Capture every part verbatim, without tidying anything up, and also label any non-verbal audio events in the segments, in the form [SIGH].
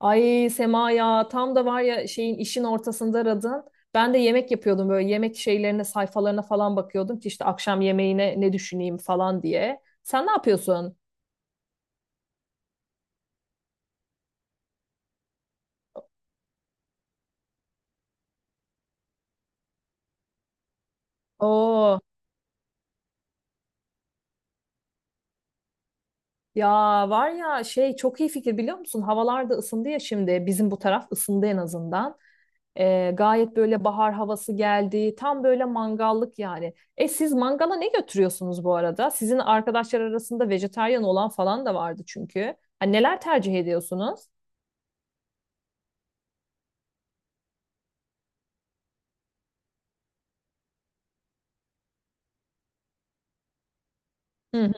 Ay Sema, ya tam da var ya, şeyin işin ortasında aradın. Ben de yemek yapıyordum, böyle yemek şeylerine, sayfalarına falan bakıyordum ki işte akşam yemeğine ne düşüneyim falan diye. Sen ne yapıyorsun? Oo, ya var ya şey, çok iyi fikir, biliyor musun? Havalar da ısındı ya, şimdi bizim bu taraf ısındı en azından. Ee, gayet böyle bahar havası geldi. Tam böyle mangallık yani. E siz mangala ne götürüyorsunuz bu arada? Sizin arkadaşlar arasında vejetaryen olan falan da vardı çünkü. Hani neler tercih ediyorsunuz? Hı hı.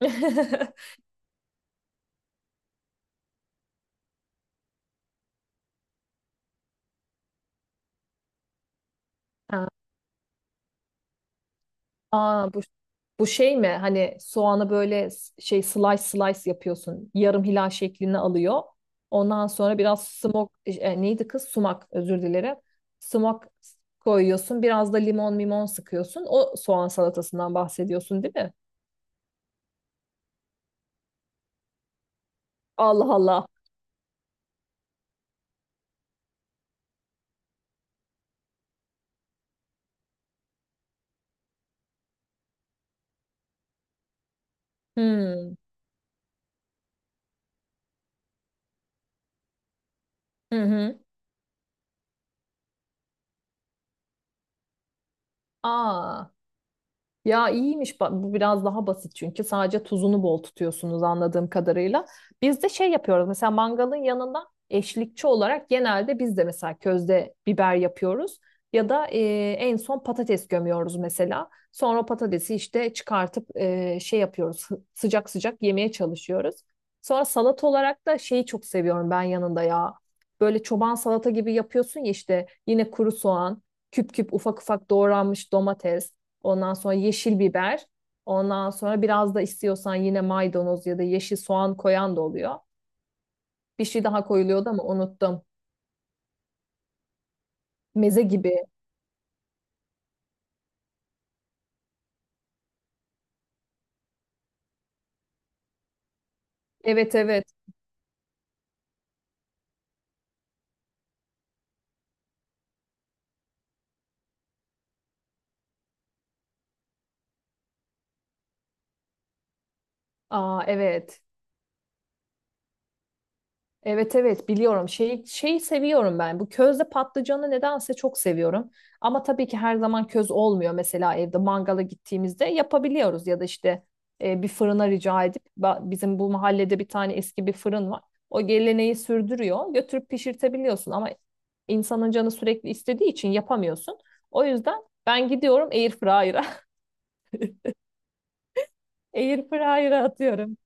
[LAUGHS] Ha. Aa, bu, bu şey mi? Hani soğanı böyle s- şey slice slice yapıyorsun. Yarım hilal şeklini alıyor. Ondan sonra biraz smok e, e, neydi kız? Sumak, özür dilerim. Sumak koyuyorsun. Biraz da limon limon sıkıyorsun. O soğan salatasından bahsediyorsun, değil mi? Allah Allah. Hmm. Hı hı. Aa. Ya iyiymiş, ba- bu biraz daha basit çünkü sadece tuzunu bol tutuyorsunuz anladığım kadarıyla. Biz de şey yapıyoruz, mesela mangalın yanında eşlikçi olarak genelde biz de mesela közde biber yapıyoruz ya da e, en son patates gömüyoruz mesela. Sonra o patatesi işte çıkartıp e, şey yapıyoruz, hı- sıcak sıcak yemeye çalışıyoruz. Sonra salat olarak da şeyi çok seviyorum ben yanında ya. Böyle çoban salata gibi yapıyorsun ya, işte yine kuru soğan, küp küp ufak ufak doğranmış domates. Ondan sonra yeşil biber. Ondan sonra biraz da istiyorsan yine maydanoz ya da yeşil soğan koyan da oluyor. Bir şey daha koyuluyordu ama unuttum. Meze gibi. Evet, evet. Aa, evet. Evet, evet, biliyorum. Şeyi, şeyi seviyorum ben. Bu közde patlıcanı nedense çok seviyorum. Ama tabii ki her zaman köz olmuyor. Mesela evde mangala gittiğimizde yapabiliyoruz ya da işte e, bir fırına rica edip ba- bizim bu mahallede bir tane eski bir fırın var. O geleneği sürdürüyor. Götürüp pişirtebiliyorsun ama insanın canı sürekli istediği için yapamıyorsun. O yüzden ben gidiyorum air fryer'a. [LAUGHS] Air fryer'a atıyorum.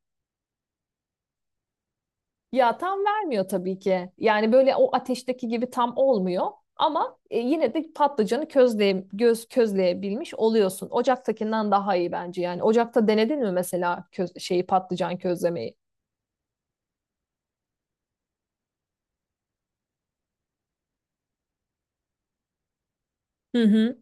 Ya tam vermiyor tabii ki. Yani böyle o ateşteki gibi tam olmuyor. Ama e, yine de patlıcanı közleye, göz közleyebilmiş oluyorsun. Ocaktakinden daha iyi bence yani. Ocakta denedin mi mesela köz, şeyi patlıcan közlemeyi? Hı hı.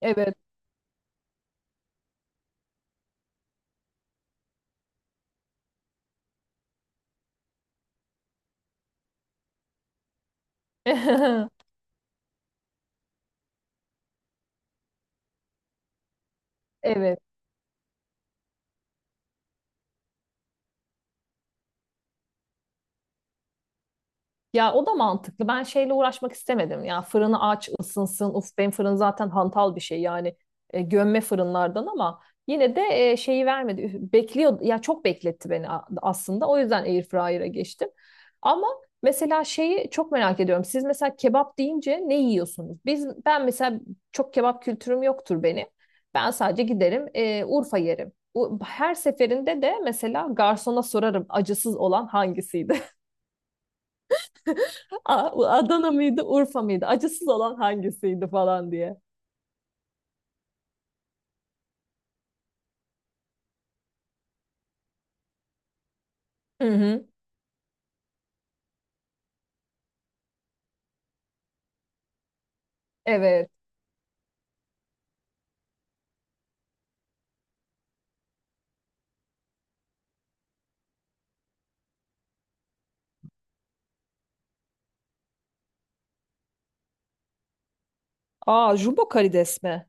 Evet. [LAUGHS] Evet. Ya o da mantıklı. Ben şeyle uğraşmak istemedim. Ya fırını aç, ısınsın. Uf, benim fırın zaten hantal bir şey yani, e, gömme fırınlardan, ama yine de e, şeyi vermedi. Üf, bekliyor ya, çok bekletti beni a- aslında. O yüzden airfryer'a geçtim. Ama mesela şeyi çok merak ediyorum. Siz mesela kebap deyince ne yiyorsunuz? Biz ben mesela çok kebap kültürüm yoktur benim. Ben sadece giderim, e, Urfa yerim. U- Her seferinde de mesela garsona sorarım, acısız olan hangisiydi? A- Adana mıydı, Urfa mıydı? Acısız olan hangisiydi falan diye. Hı hı. Evet. Aa, jumbo karides mi?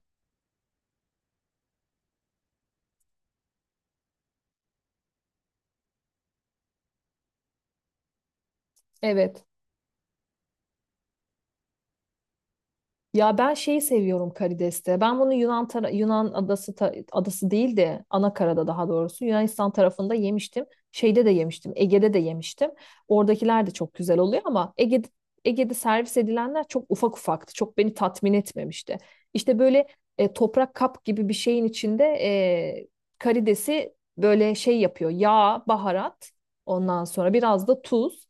Evet. Ya ben şeyi seviyorum karideste. Ben bunu Yunan tara- Yunan adası ta- adası değil de Anakara'da, daha doğrusu Yunanistan tarafında yemiştim. Şeyde de yemiştim. Ege'de de yemiştim. Oradakiler de çok güzel oluyor ama Ege'de Ege'de servis edilenler çok ufak ufaktı. Çok beni tatmin etmemişti. İşte böyle e, toprak kap gibi bir şeyin içinde e, karidesi böyle şey yapıyor. Yağ, baharat, ondan sonra biraz da tuz.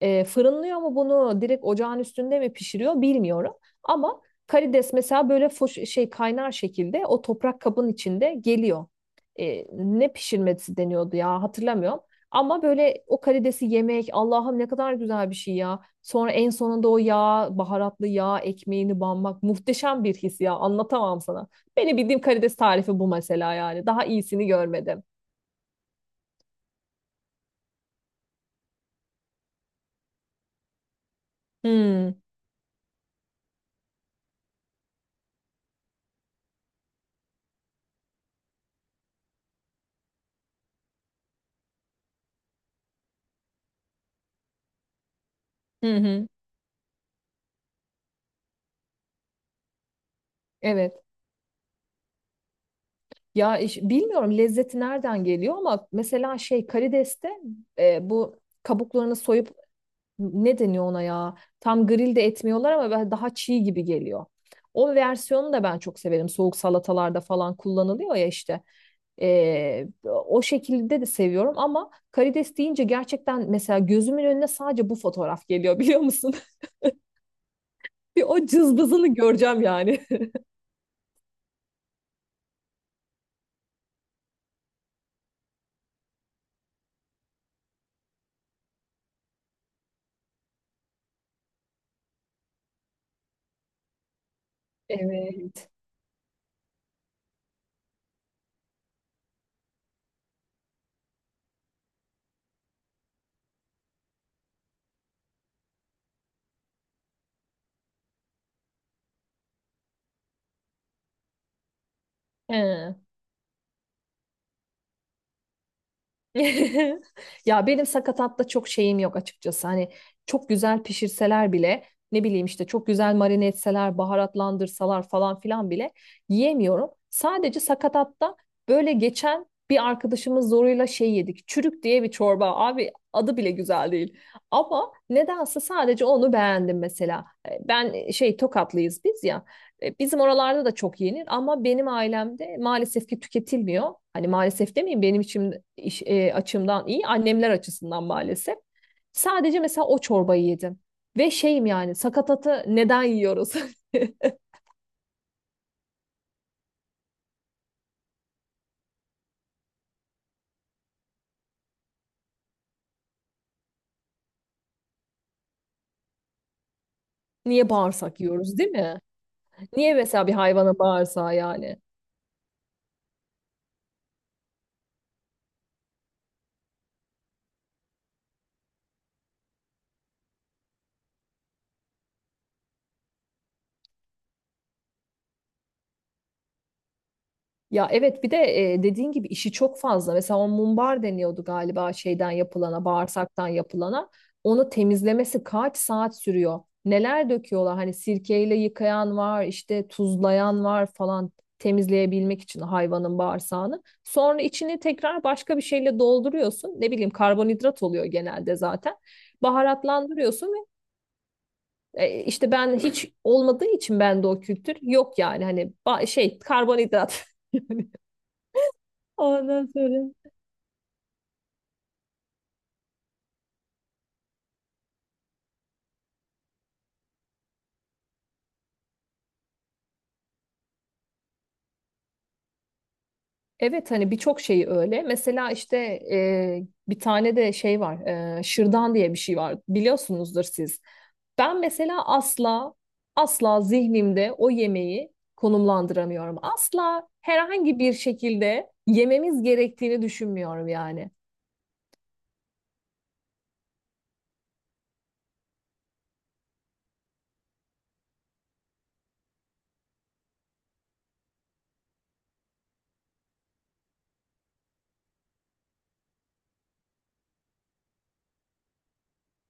E, fırınlıyor mu bunu, direkt ocağın üstünde mi pişiriyor bilmiyorum. Ama karides mesela böyle foş, şey, kaynar şekilde o toprak kabın içinde geliyor. E, ne pişirmesi deniyordu ya, hatırlamıyorum. Ama böyle o karidesi yemek, Allah'ım, ne kadar güzel bir şey ya. Sonra en sonunda o yağ, baharatlı yağ ekmeğini banmak muhteşem bir his ya, anlatamam sana. Benim bildiğim karides tarifi bu mesela, yani daha iyisini görmedim. Hmm. Hı hı. Evet. Ya iş- bilmiyorum lezzeti nereden geliyor ama mesela şey, karideste e, bu kabuklarını soyup, ne deniyor ona ya? Tam grill de etmiyorlar ama ben- daha çiğ gibi geliyor. O versiyonu da ben çok severim. Soğuk salatalarda falan kullanılıyor ya işte. Ee, o şekilde de seviyorum ama karides deyince gerçekten mesela gözümün önüne sadece bu fotoğraf geliyor, [LAUGHS] biliyor musun? Bir o cızbızını göreceğim yani. [LAUGHS] Evet. He. [LAUGHS] Ya benim sakatatta çok şeyim yok açıkçası. Hani çok güzel pişirseler bile, ne bileyim, işte çok güzel marine etseler, baharatlandırsalar falan filan bile yiyemiyorum. Sadece sakatatta böyle, geçen bir arkadaşımız zoruyla şey yedik, çürük diye bir çorba. Abi adı bile güzel değil. Ama nedense sadece onu beğendim mesela. E, Ben, e, şey, Tokatlıyız biz ya. E, Bizim oralarda da çok yenir ama benim ailemde maalesef ki tüketilmiyor. Hani maalesef demeyeyim, benim için iş- e, açımdan iyi, annemler açısından maalesef. Sadece mesela o çorbayı yedim. Ve şeyim, yani sakatatı neden yiyoruz? [LAUGHS] Niye bağırsak yiyoruz, değil mi? Niye mesela bir hayvana bağırsağı yani? Ya evet, bir de e, dediğin gibi işi çok fazla. Mesela o mumbar deniyordu galiba, şeyden yapılana, bağırsaktan yapılana. Onu temizlemesi kaç saat sürüyor? Neler döküyorlar! Hani sirkeyle yıkayan var, işte tuzlayan var falan, temizleyebilmek için hayvanın bağırsağını. Sonra içini tekrar başka bir şeyle dolduruyorsun. Ne bileyim, karbonhidrat oluyor genelde zaten. Baharatlandırıyorsun ve e, işte ben hiç olmadığı için bende o kültür yok, yani hani, ba- şey, karbonhidrat. [LAUGHS] Ondan sonra. Evet, hani birçok şeyi öyle. Mesela işte e, bir tane de şey var, e, şırdan diye bir şey var. Biliyorsunuzdur siz. Ben mesela asla, asla zihnimde o yemeği konumlandıramıyorum. Asla herhangi bir şekilde yememiz gerektiğini düşünmüyorum yani.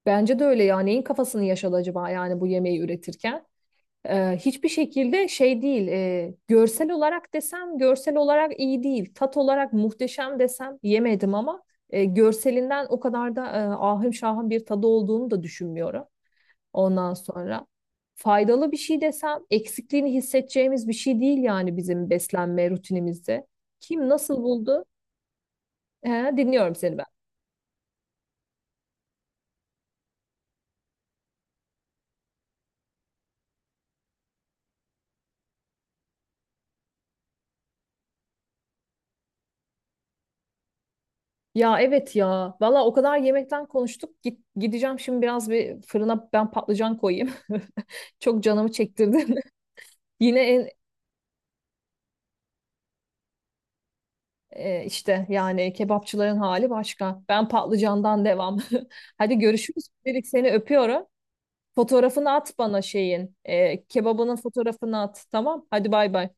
Bence de öyle ya. Neyin kafasını yaşadı acaba yani bu yemeği üretirken? Ee, hiçbir şekilde şey değil. e, görsel olarak desem, görsel olarak iyi değil. Tat olarak muhteşem desem, yemedim ama e, görselinden o kadar da e, ahım şahım bir tadı olduğunu da düşünmüyorum. Ondan sonra faydalı bir şey desem, eksikliğini hissedeceğimiz bir şey değil yani bizim beslenme rutinimizde. Kim nasıl buldu? He, dinliyorum seni ben. Ya evet ya. Valla o kadar yemekten konuştuk. Git, gideceğim şimdi, biraz bir fırına ben patlıcan koyayım. [LAUGHS] Çok canımı çektirdin. [LAUGHS] Yine en, e, işte yani, kebapçıların hali başka. Ben patlıcandan devam. [LAUGHS] Hadi görüşürüz. Dedik, seni öpüyorum. Fotoğrafını at bana şeyin. E, kebabının fotoğrafını at. Tamam. Hadi bay bay.